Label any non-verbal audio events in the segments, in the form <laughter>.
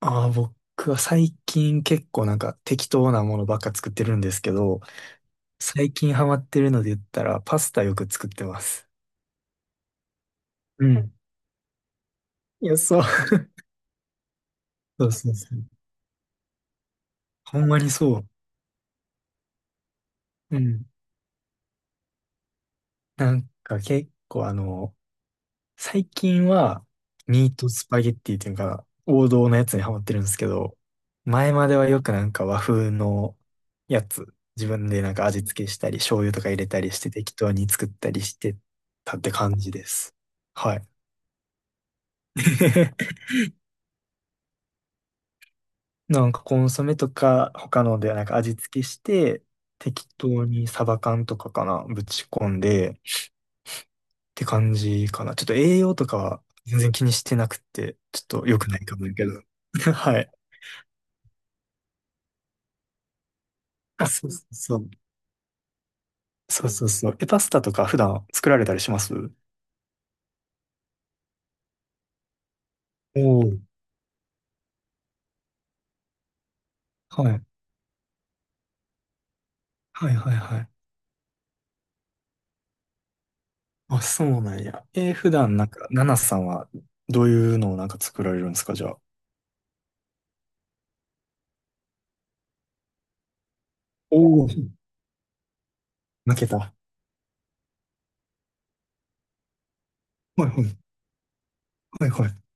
ああ、僕は最近結構適当なものばっか作ってるんですけど、最近ハマってるので言ったらパスタよく作ってます。うん。いや、そう。そうそうそう。ほんまにそう。うん。なんか結構あの、最近はミートスパゲッティっていうか王道のやつにハマってるんですけど、前まではよく和風のやつ、自分で味付けしたり、醤油とか入れたりして適当に作ったりしてたって感じです。はい。<laughs> コンソメとか他ので味付けして適当にサバ缶とかかなぶち込んでって感じかな。ちょっと栄養とかは全然気にしてなくてちょっと良くないかもやけど。<laughs> はい。あ、そうそうそう。そうそうそう。え、パスタとか普段作られたりします？おおー。はい。はいはいはい。あ、そうなんや。えー普段、ナナさんはどういうのを作られるんですかじゃあ。おお、負けた。はいはい。はいはい。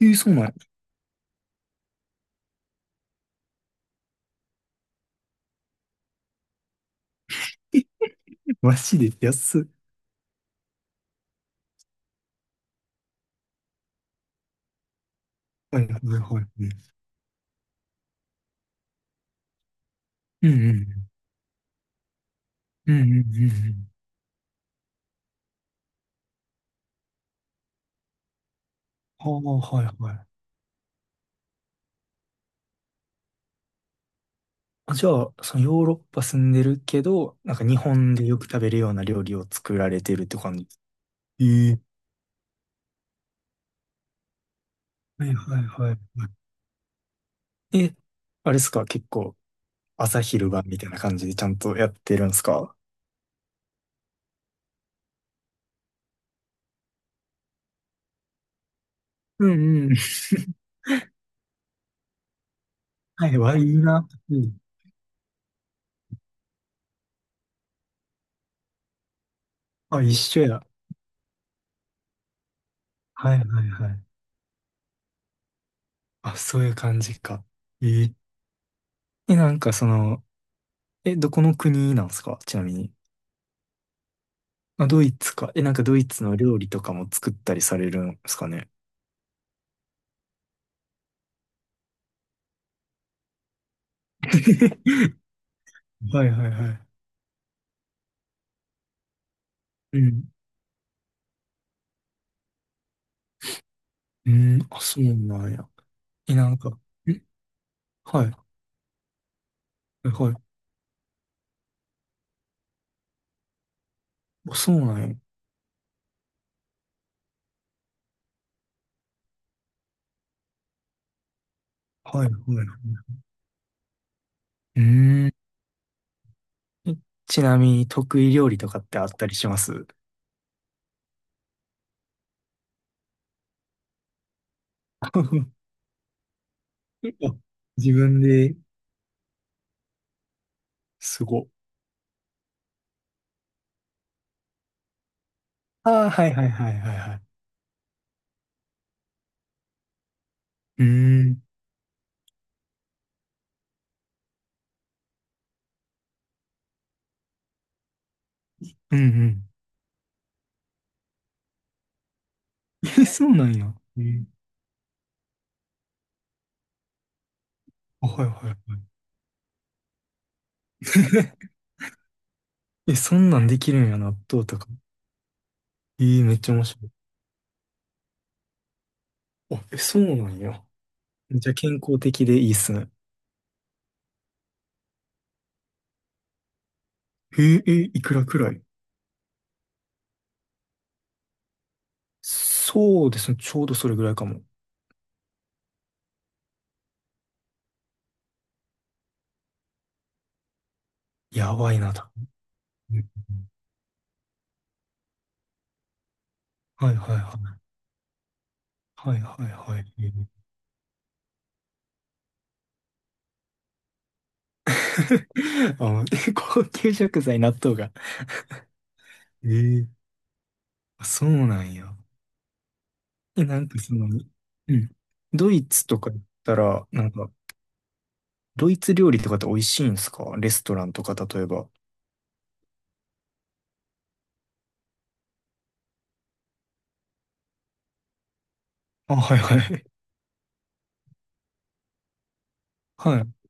えー、そうなんや。マジで安っ。はいはいはいはい。うんうん。うんうんうんうん。ああ、はいはい。あじゃあ、そのヨーロッパ住んでるけど、日本でよく食べるような料理を作られてるって感じです。ええ。はいはいはいはい。え、あれですか、結構朝昼晩みたいな感じでちゃんとやってるんですか？うんうん。はいわ、いいな。うん。あ、一緒や。はいはいはい。あ、そういう感じか。ええ。え、え、どこの国なんですかちなみに。まあ、ドイツか。え、ドイツの料理とかも作ったりされるんですかね。<laughs> はいはいはい。うん。うん。あ、そうなんや。え、なんか、んはい。はいはい。あ、そうなんや。はいはいはい。うん。えちなみに得意料理とかってあったりします？ <laughs> あ自分で。すご。ああ、はいはいはいはいはい。うーん。うんうん。<laughs> え、そうなんや。えーあはいはいはい。<laughs> え、そんなんできるんや、納豆とか。えー、めっちゃ面白い。あ、え、そうなんや。じゃあ健康的でいいっすね。えー、えーいくらくらい？そうですね。ちょうどそれぐらいかも。やばいな、だはいはいはい。はいはいはい。えー <laughs> あの、<laughs> 高級食材、納豆が。ええ、あ、そうなんや。え、なんかその、うん。ドイツとか行ったら、なんか、ドイツ料理とかって美味しいんですかレストランとか、例えば。あ、はいはい。<laughs> はい。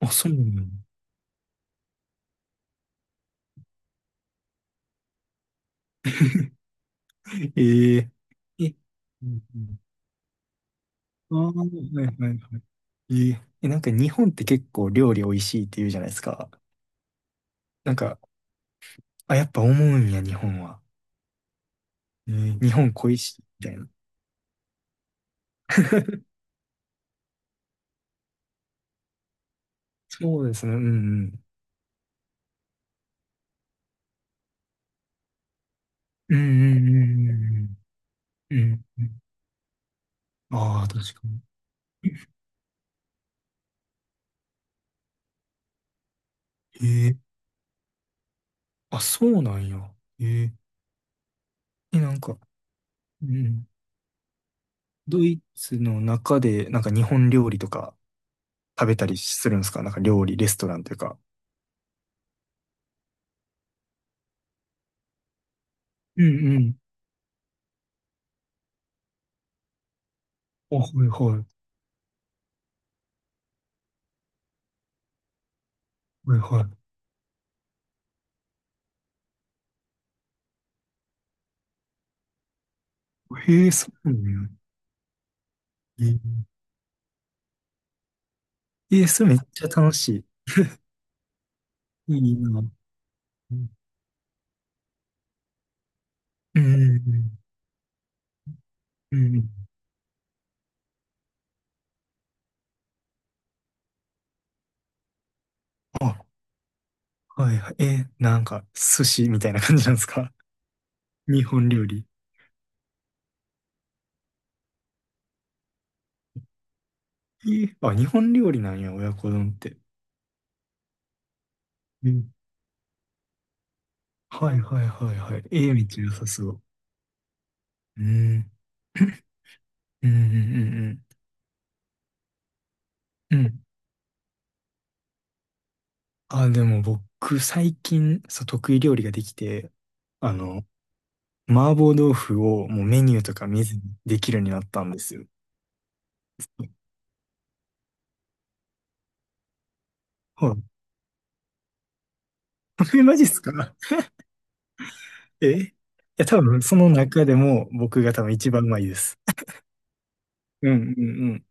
あ、そうなんや。ええ、えうんうんああ、はいはいはい。えええ、日本って結構料理美味しいって言うじゃないですか。なんか、あ、やっぱ思うんや、日本は。えー日本恋しいみたいな。<laughs> そうですね、うんうん。うんうんうんうんうん。うんうん。ああ、確かに。ええあ、そうなんや。えええ、なんか、うん。ドイツの中で、日本料理とか食べたりするんですかなんか料理、レストランというか。うんうん。あ、はいはい。はいはい。ええそうなんや。えー、それめっちゃ楽しい。いいな。うん、うん、うん。あ、はいはい。えー、なんか、寿司みたいな感じなんですか？ <laughs> 日本料理。えー、あ、日本料理なんや、親子丼って。うん。はいはいはいはい。えー、めっちゃ良さそう。うん。<laughs> うんうんうんうん。うん。あ、でも僕、最近、そう、得意料理ができて、あの、麻婆豆腐をもうメニューとか見ずにできるようになったんですよ。はい。<laughs> えマジっすか？えいや、多分、その中でも僕が多分一番うまいです。うんうんうん。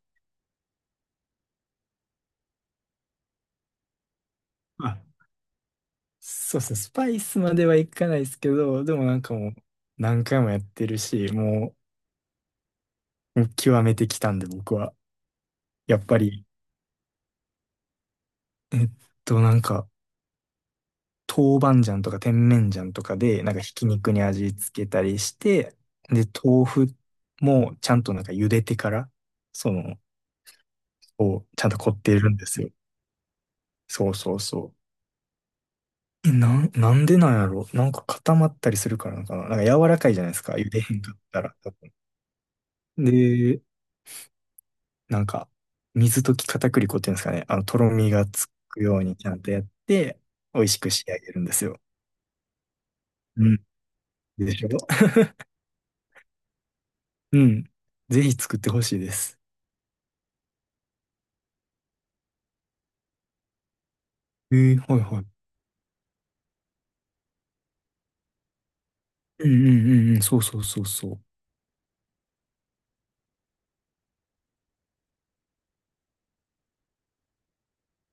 あ、そうですね。スパイスまではいかないですけど、でももう何回もやってるし、もう極めてきたんで僕は。やっぱり、えっなんか豆板醤とか甜麺醤とかでひき肉に味付けたりして、で、豆腐もちゃんと茹でてから、その、をちゃんと凝ってるんですよ。そうそうそう。え、なん、なんでなんやろなんか固まったりするからなのかななんか柔らかいじゃないですか。茹でへんかったら。多分で、なんか、水溶き片栗粉っていうんですかね。あの、とろみがつくようにちゃんとやって、美味しく仕上げるんですよ。うん。でしょ？ <laughs> うん。ぜひ作ってほしいです。えー、はいはい。うんうんうんうん。そうそうそうそう。